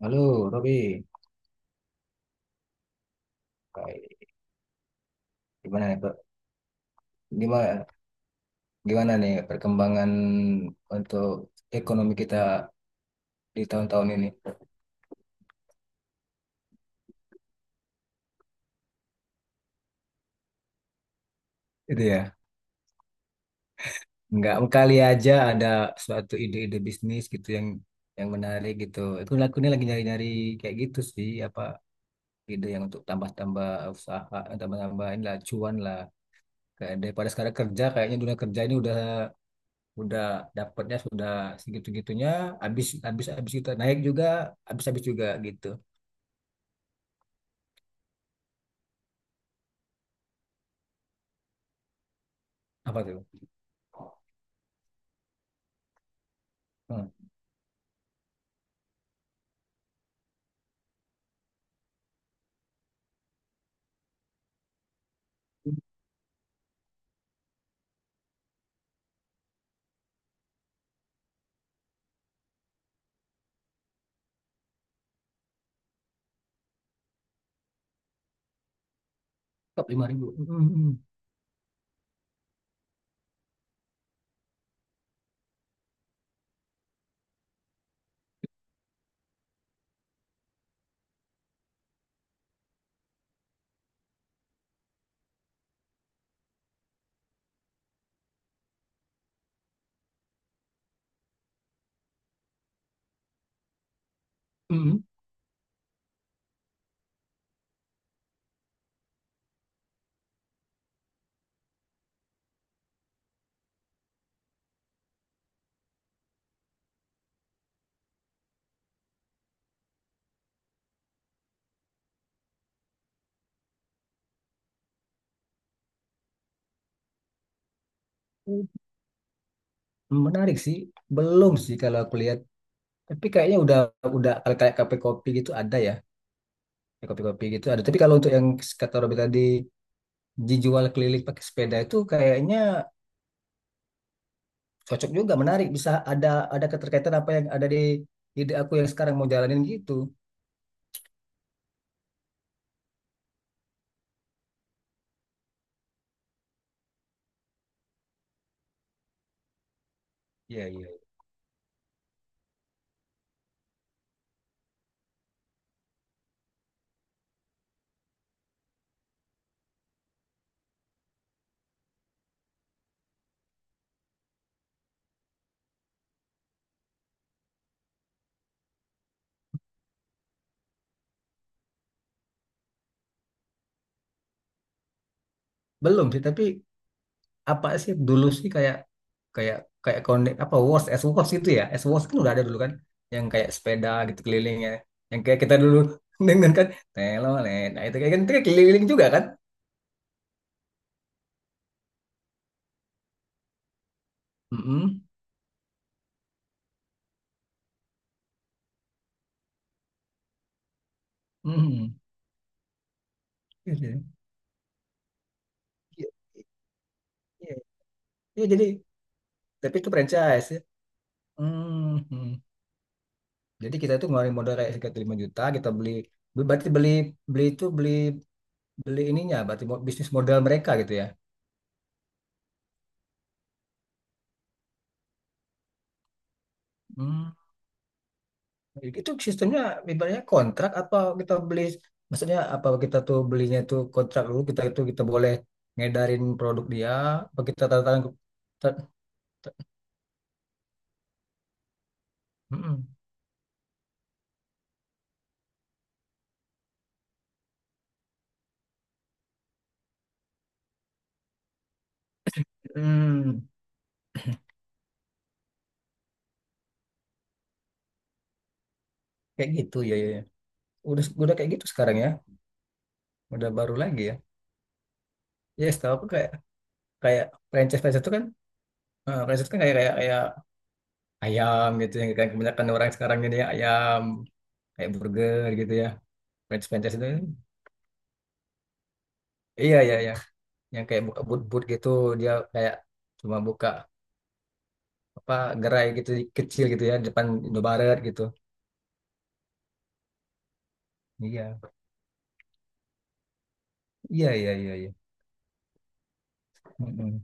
Halo, Robi. Baik. Gimana nih, Pak? Gimana, gimana nih perkembangan untuk ekonomi kita di tahun-tahun ini? Itu ya. Nggak kali aja ada suatu ide-ide bisnis gitu yang menarik gitu. Itu aku ini lagi nyari-nyari kayak gitu sih, apa ide yang untuk tambah-tambah usaha, tambah-tambah inilah cuan lah. Kayak daripada sekarang kerja, kayaknya dunia kerja ini udah dapatnya sudah segitu-gitunya, habis habis habis kita naik juga, habis habis juga gitu. Apa tuh? Hmm. Top 5.000. Hmm, hmm, hmm. Hmm. Menarik sih. Belum sih kalau aku lihat. Tapi kayaknya udah kalau kayak kafe kopi gitu ada ya. Kayak Kopi-kopi gitu ada. Tapi kalau untuk yang kata Robi tadi dijual keliling pakai sepeda itu kayaknya cocok juga, menarik. Bisa ada keterkaitan apa yang ada di ide aku yang sekarang mau jalanin gitu. Iya, iya. Belum sih, tapi apa sih dulu sih kayak kayak kayak connect apa Wars S Wars itu ya, S Wars kan udah ada dulu kan, yang kayak sepeda gitu kelilingnya, yang kayak kita dulu dengan kan telolet, nah itu kayak kan itu kayak keliling juga kan. Mm. Iya, iya. Ya jadi tapi itu franchise ya. Mhm. Jadi kita itu ngeluarin modal kayak sekitar 5 juta kita beli, berarti beli beli itu beli beli ininya berarti bisnis modal mereka gitu ya. Mm. Itu sistemnya ibaratnya kontrak apa kita beli, maksudnya apa kita tuh belinya tuh kontrak dulu, kita itu kita boleh ngedarin produk dia, apa kita tanda tangan ta- ta- Mm-mm. Hmm, kayak gitu ya, ya, ya. Udah kayak gitu sekarang ya. Udah baru lagi ya. Ya, setahu aku kayak kayak franchise-franchise itu kan, franchise kan kayak kayak kayak ayam gitu yang kayak kebanyakan orang sekarang ini ya, ayam kayak burger gitu ya. Franchise-franchise itu. Iya, iya, iya. Yang kayak buka but-but gitu, dia kayak cuma buka apa gerai gitu kecil gitu ya, depan Indomaret gitu. Iya. Iya, iya, iya, iya. Mm-mm.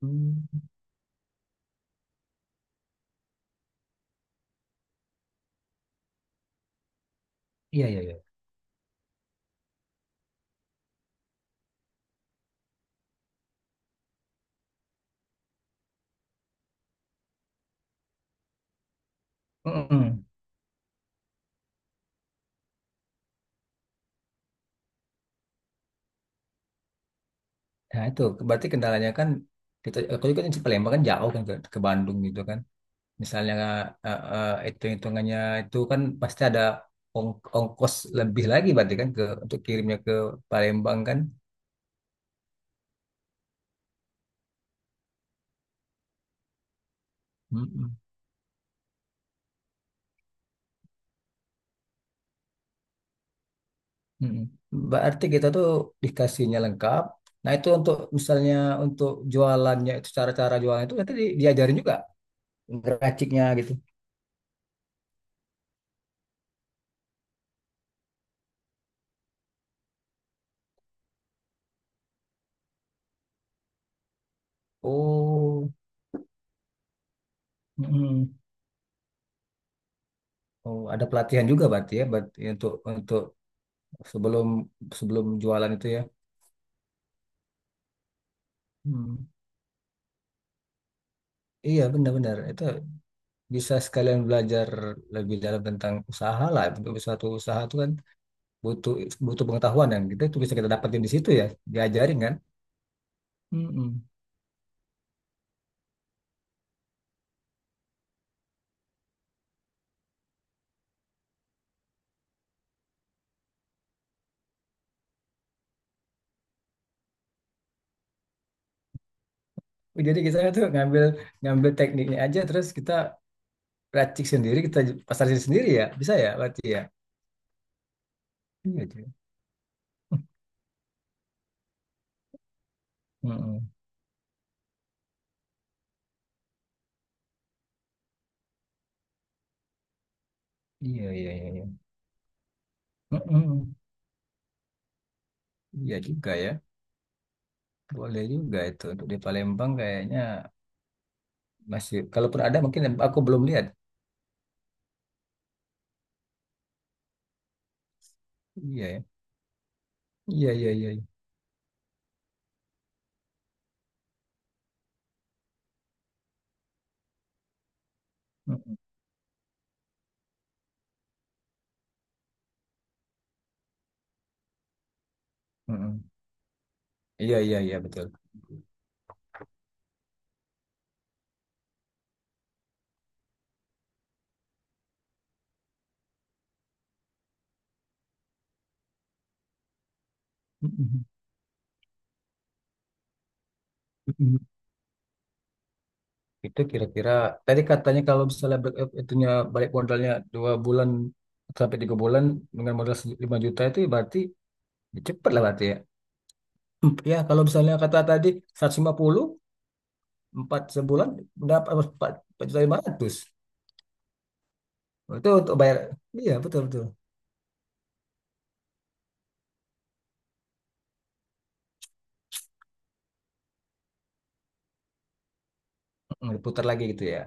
Hmm, iya, iya, iya. Mm-mm. Nah itu berarti kendalanya kan, kita, aku juga kan di Palembang kan, jauh kan ke Bandung gitu kan. Misalnya hitung-hitungannya itu kan pasti ada ongkos lebih lagi berarti kan ke untuk kirimnya ke Palembang kan. Mm-mm. Mm. Berarti kita tuh dikasihnya lengkap. Nah, itu untuk misalnya untuk jualannya itu, cara-cara jualan itu nanti diajarin juga ngeraciknya gitu. Oh, mm-mm. Oh, ada pelatihan juga berarti ya, berarti untuk sebelum sebelum jualan itu ya. Hmm. Iya, benar-benar. Itu bisa sekalian belajar lebih dalam tentang usaha lah. Untuk suatu usaha itu kan butuh butuh pengetahuan, dan kita itu bisa kita dapetin di situ ya, diajarin kan. Mm-mm. Jadi kita tuh ngambil ngambil tekniknya aja, terus kita racik sendiri, kita pasarin sendiri ya. Bisa ya berarti ya. Iya cuy. Mm-mm. Iya, iya, iya. Iya. Mm-mm. Iya juga ya. Boleh juga itu untuk di Palembang, kayaknya masih kalaupun ada mungkin aku belum lihat. Iya ya. Iya, iya, iya, iya. Mm-mm. Mm-mm. Iya, iya, iya, betul. Mm-mm. Mm-mm. Itu kira-kira tadi katanya kalau misalnya itunya balik modalnya 2 bulan sampai 3 bulan dengan modal 5 juta itu berarti. Ya, cepet lah berarti ya. Ya kalau misalnya kata tadi 150 empat sebulan dapat 4 4 500. Itu untuk bayar. Iya betul betul. Hmm, diputar lagi gitu ya.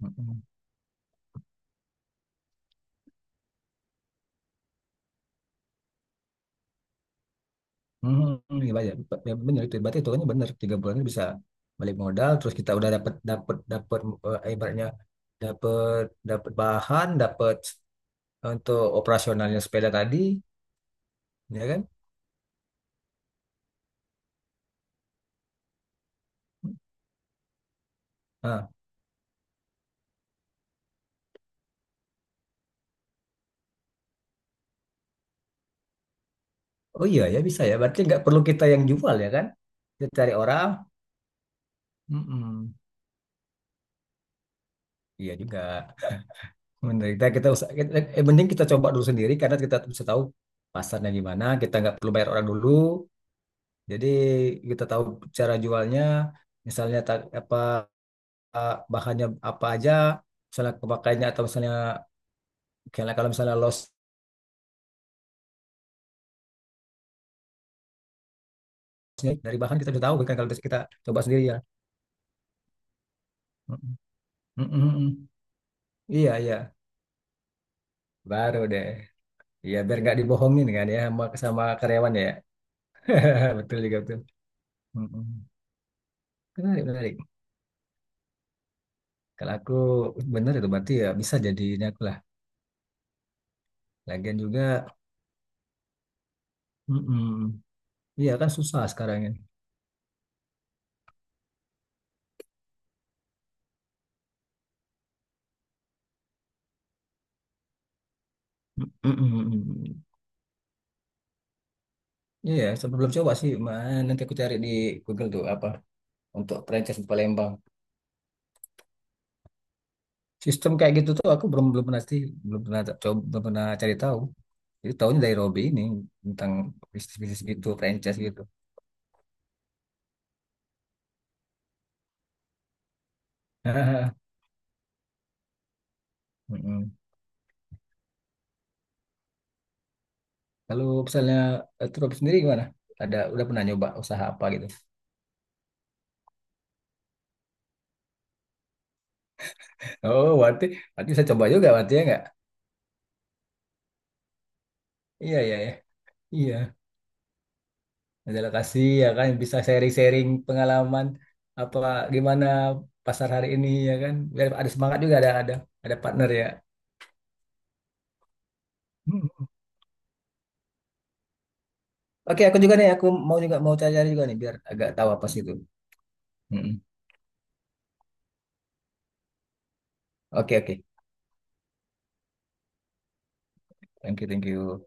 Hmm, hmm, hmm, iya bayar. Ya, benar itu. Berarti itu kan benar. 3 bulan bisa balik modal. Terus kita udah dapat dapat dapat ibaratnya dapat dapat bahan, dapat untuk operasionalnya sepeda tadi, ya kan? Ah, oh iya ya bisa ya. Berarti nggak perlu kita yang jual ya kan? Kita cari orang. Mm-mm. Iya juga menderita kita usah kita, mending kita coba dulu sendiri karena kita bisa tahu pasarnya gimana, kita nggak perlu bayar orang dulu, jadi kita tahu cara jualnya, misalnya apa, bahannya apa aja misalnya kepakainya, atau misalnya kalau kalau misalnya lossnya dari bahan kita udah tahu kan, kalau kita coba sendiri ya. Mm-mm. Mm-mm. Iya, iya, baru deh, iya biar nggak dibohongin kan ya, sama karyawan ya. Betul juga betul. Mm-mm. Menarik, menarik. Kalau aku bener itu berarti ya, bisa jadi ini aku lah. Lagian juga. Mm-mm. Iya kan susah sekarang ini. Mm-mm. Iya, ya, sebelum coba sih, man nanti aku cari di Google tuh apa untuk franchise di Palembang. Sistem kayak gitu tuh aku belum belum pernah sih, belum pernah coba, belum pernah cari tahu. Jadi tahunya dari Robby ini, tentang bisnis-bisnis gitu, franchise gitu. Mm-mm. Kalau misalnya tuh Robby sendiri gimana? Ada udah pernah nyoba usaha apa gitu? Oh, berarti berarti bisa coba juga berarti ya nggak? Iya, iya, iya. Iya, majalah kasih ya kan, bisa sharing-sharing pengalaman apa gimana pasar hari ini ya kan, biar ada semangat juga, ada ada partner ya. Hmm. Oke, aku juga nih, aku mau juga mau cari-cari juga nih biar agak tahu apa sih itu. Hmm. Hmm. Oke, oke. Thank you, thank you.